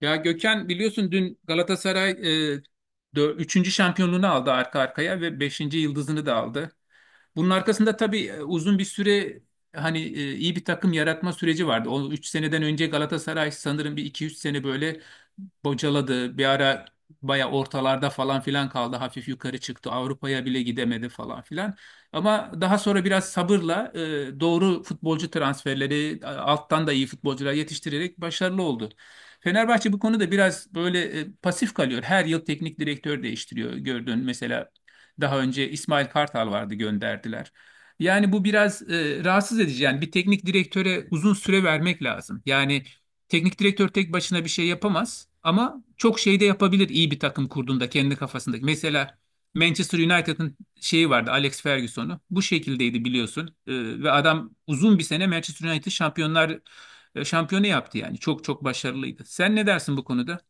Ya Gökhan biliyorsun dün Galatasaray e, üçüncü şampiyonluğunu aldı arka arkaya ve beşinci yıldızını da aldı. Bunun arkasında tabii uzun bir süre hani iyi bir takım yaratma süreci vardı. O 3 seneden önce Galatasaray sanırım bir iki üç sene böyle bocaladı. Bir ara baya ortalarda falan filan kaldı. Hafif yukarı çıktı. Avrupa'ya bile gidemedi falan filan. Ama daha sonra biraz sabırla doğru futbolcu transferleri alttan da iyi futbolcular yetiştirerek başarılı oldu. Fenerbahçe bu konuda biraz böyle pasif kalıyor. Her yıl teknik direktör değiştiriyor gördün. Mesela daha önce İsmail Kartal vardı, gönderdiler. Yani bu biraz rahatsız edici. Yani bir teknik direktöre uzun süre vermek lazım. Yani teknik direktör tek başına bir şey yapamaz ama çok şey de yapabilir iyi bir takım kurduğunda kendi kafasındaki. Mesela Manchester United'ın şeyi vardı, Alex Ferguson'u. Bu şekildeydi biliyorsun. Ve adam uzun bir sene Manchester United şampiyonu yaptı yani. Çok çok başarılıydı. Sen ne dersin bu konuda?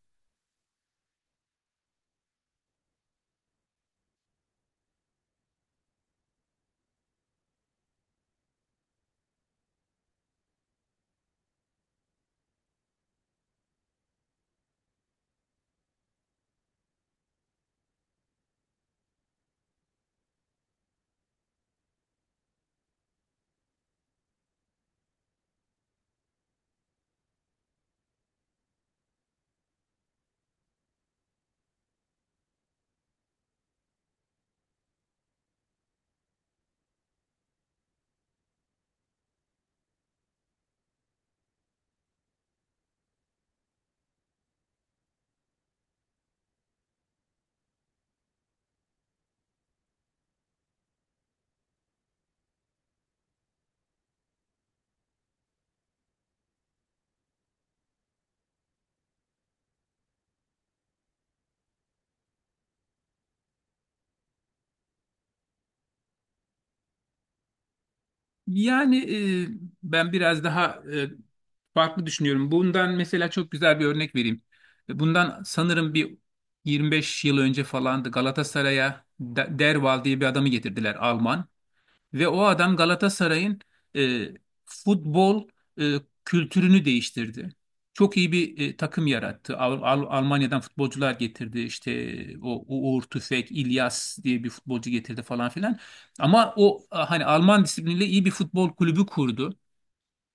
Yani e, Ben biraz daha farklı düşünüyorum. Bundan mesela çok güzel bir örnek vereyim. Bundan sanırım bir 25 yıl önce falandı, Galatasaray'a Derwall diye bir adamı getirdiler, Alman. Ve o adam Galatasaray'ın e, futbol e, kültürünü değiştirdi. Çok iyi bir takım yarattı. Almanya'dan futbolcular getirdi. İşte o Uğur Tüfek, İlyas diye bir futbolcu getirdi falan filan. Ama hani Alman disipliniyle iyi bir futbol kulübü kurdu.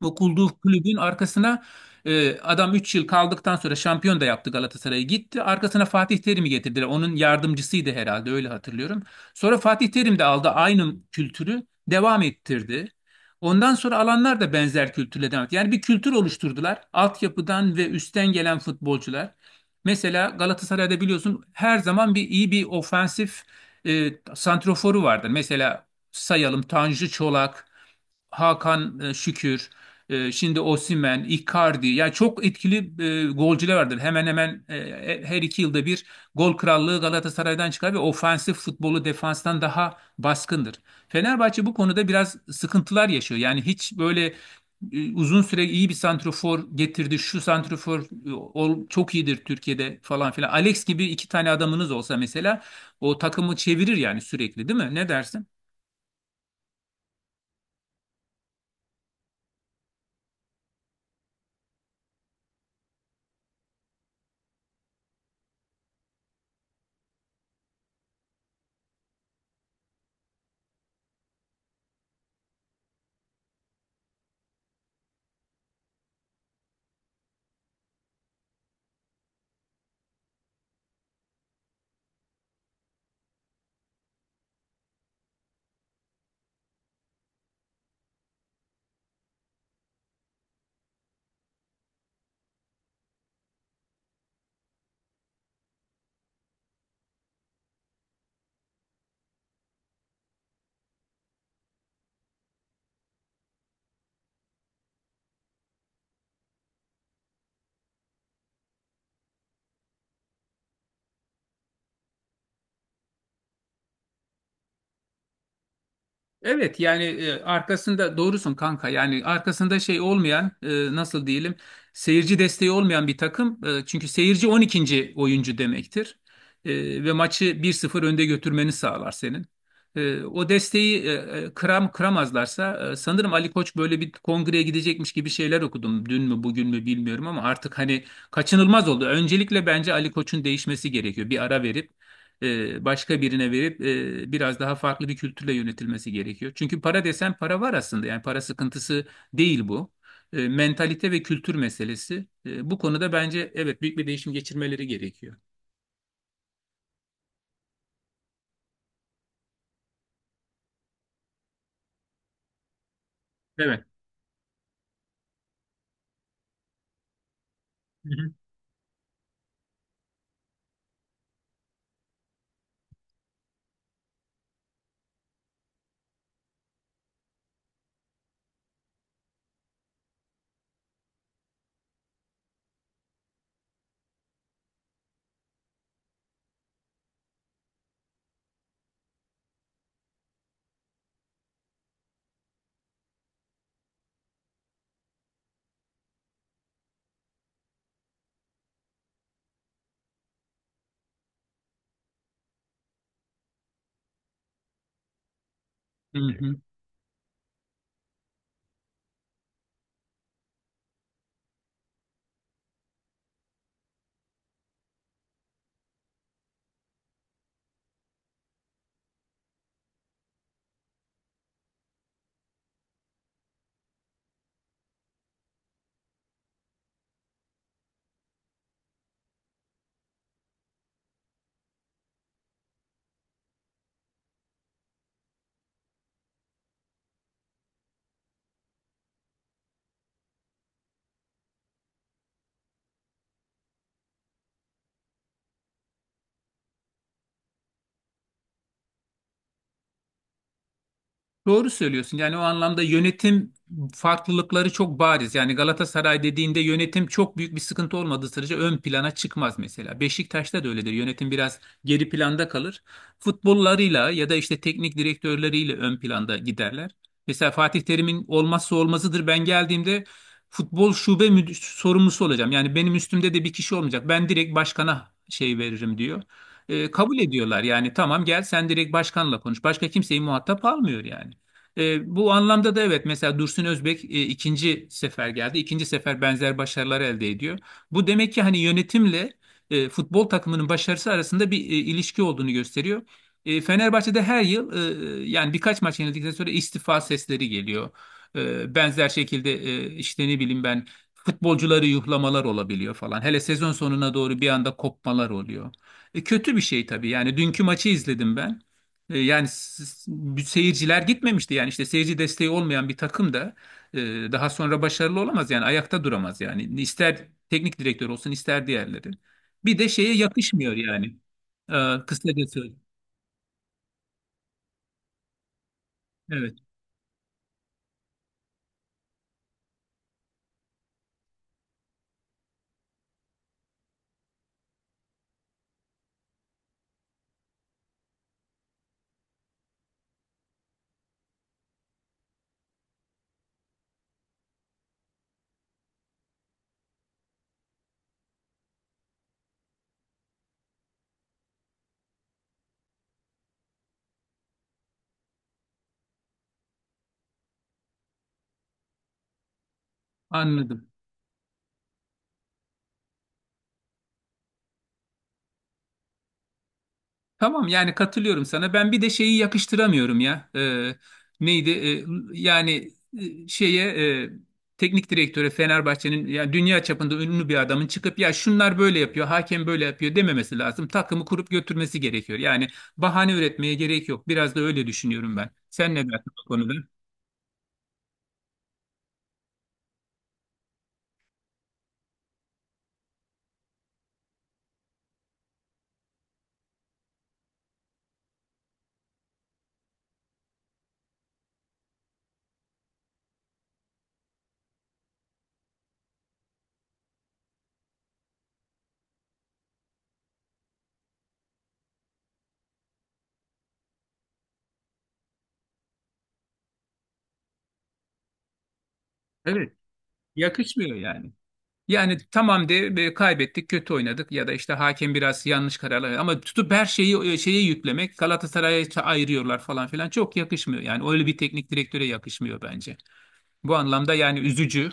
Okulduğu kulübün arkasına adam 3 yıl kaldıktan sonra şampiyon da yaptı Galatasaray'ı, gitti. Arkasına Fatih Terim'i getirdiler. Onun yardımcısıydı herhalde, öyle hatırlıyorum. Sonra Fatih Terim de aldı, aynı kültürü devam ettirdi. Ondan sonra alanlar da benzer kültürle devam etti. Yani bir kültür oluşturdular. Altyapıdan ve üstten gelen futbolcular. Mesela Galatasaray'da biliyorsun her zaman bir iyi bir ofensif santroforu vardır. Mesela sayalım, Tanju Çolak, Hakan Şükür. Şimdi Osimhen, Icardi, yani çok etkili golcüler vardır. Hemen hemen her iki yılda bir gol krallığı Galatasaray'dan çıkar ve ofansif futbolu defanstan daha baskındır. Fenerbahçe bu konuda biraz sıkıntılar yaşıyor. Yani hiç böyle uzun süre iyi bir santrofor getirdi. Şu santrofor çok iyidir Türkiye'de falan filan. Alex gibi iki tane adamınız olsa mesela o takımı çevirir yani sürekli, değil mi? Ne dersin? Evet yani arkasında doğrusun kanka, yani arkasında şey olmayan, nasıl diyelim, seyirci desteği olmayan bir takım. Çünkü seyirci 12'nci oyuncu demektir. Ve maçı bir sıfır önde götürmeni sağlar senin. O desteği kıramazlarsa, sanırım Ali Koç böyle bir kongreye gidecekmiş gibi şeyler okudum, dün mü bugün mü bilmiyorum, ama artık hani kaçınılmaz oldu. Öncelikle bence Ali Koç'un değişmesi gerekiyor, bir ara verip başka birine verip biraz daha farklı bir kültürle yönetilmesi gerekiyor. Çünkü para desen para var aslında. Yani para sıkıntısı değil bu. Mentalite ve kültür meselesi. Bu konuda bence evet, büyük bir değişim geçirmeleri gerekiyor. Evet. Hı hı. Hı hı. Doğru söylüyorsun. Yani o anlamda yönetim farklılıkları çok bariz. Yani Galatasaray dediğinde yönetim çok büyük bir sıkıntı olmadığı sürece ön plana çıkmaz mesela. Beşiktaş'ta da öyledir. Yönetim biraz geri planda kalır. Futbollarıyla ya da işte teknik direktörleriyle ön planda giderler. Mesela Fatih Terim'in olmazsa olmazıdır. Ben geldiğimde futbol şube müdür, sorumlusu olacağım. Yani benim üstümde de bir kişi olmayacak. Ben direkt başkana şey veririm diyor. Kabul ediyorlar yani, tamam gel sen direkt başkanla konuş. Başka kimseyi muhatap almıyor yani. Bu anlamda da evet, mesela Dursun Özbek ikinci sefer geldi. İkinci sefer benzer başarılar elde ediyor. Bu demek ki hani yönetimle futbol takımının başarısı arasında bir ilişki olduğunu gösteriyor. Fenerbahçe'de her yıl yani birkaç maç yenildikten sonra istifa sesleri geliyor. Benzer şekilde işte ne bileyim ben, futbolcuları yuhlamalar olabiliyor falan. Hele sezon sonuna doğru bir anda kopmalar oluyor. Kötü bir şey tabii. Yani dünkü maçı izledim ben. Yani bu seyirciler gitmemişti yani, işte seyirci desteği olmayan bir takım da e, daha sonra başarılı olamaz yani, ayakta duramaz yani, ister teknik direktör olsun ister diğerleri. Bir de şeye yakışmıyor yani. Kısacası evet, anladım. Tamam yani, katılıyorum sana. Ben bir de şeyi yakıştıramıyorum ya. Neydi? Yani Şeye e, teknik direktöre, Fenerbahçe'nin ya dünya çapında ünlü bir adamın çıkıp ya şunlar böyle yapıyor, hakem böyle yapıyor dememesi lazım. Takımı kurup götürmesi gerekiyor. Yani bahane üretmeye gerek yok. Biraz da öyle düşünüyorum ben. Sen ne dersin bu konuda? Evet, yakışmıyor yani. Yani tamam de, kaybettik, kötü oynadık ya da işte hakem biraz yanlış kararlar verdi, ama tutup her şeyi şeye yüklemek, Galatasaray'a ayırıyorlar falan filan, çok yakışmıyor. Yani öyle bir teknik direktöre yakışmıyor bence. Bu anlamda yani üzücü.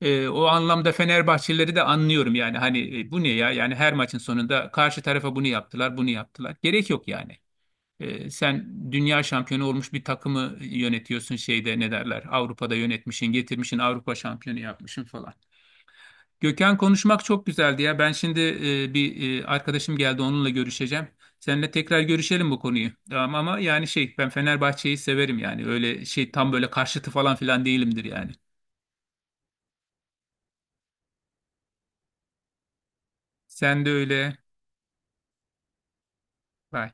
O anlamda Fenerbahçelileri de anlıyorum yani, hani bu ne ya yani, her maçın sonunda karşı tarafa bunu yaptılar, bunu yaptılar. Gerek yok yani. Sen dünya şampiyonu olmuş bir takımı yönetiyorsun, şeyde ne derler, Avrupa'da yönetmişsin, getirmişsin, Avrupa şampiyonu yapmışsın falan. Gökhan konuşmak çok güzeldi ya. Ben şimdi arkadaşım geldi, onunla görüşeceğim. Seninle tekrar görüşelim bu konuyu. Tamam ama yani şey, ben Fenerbahçe'yi severim yani. Öyle şey tam böyle karşıtı falan filan değilimdir yani. Sen de öyle. Bye.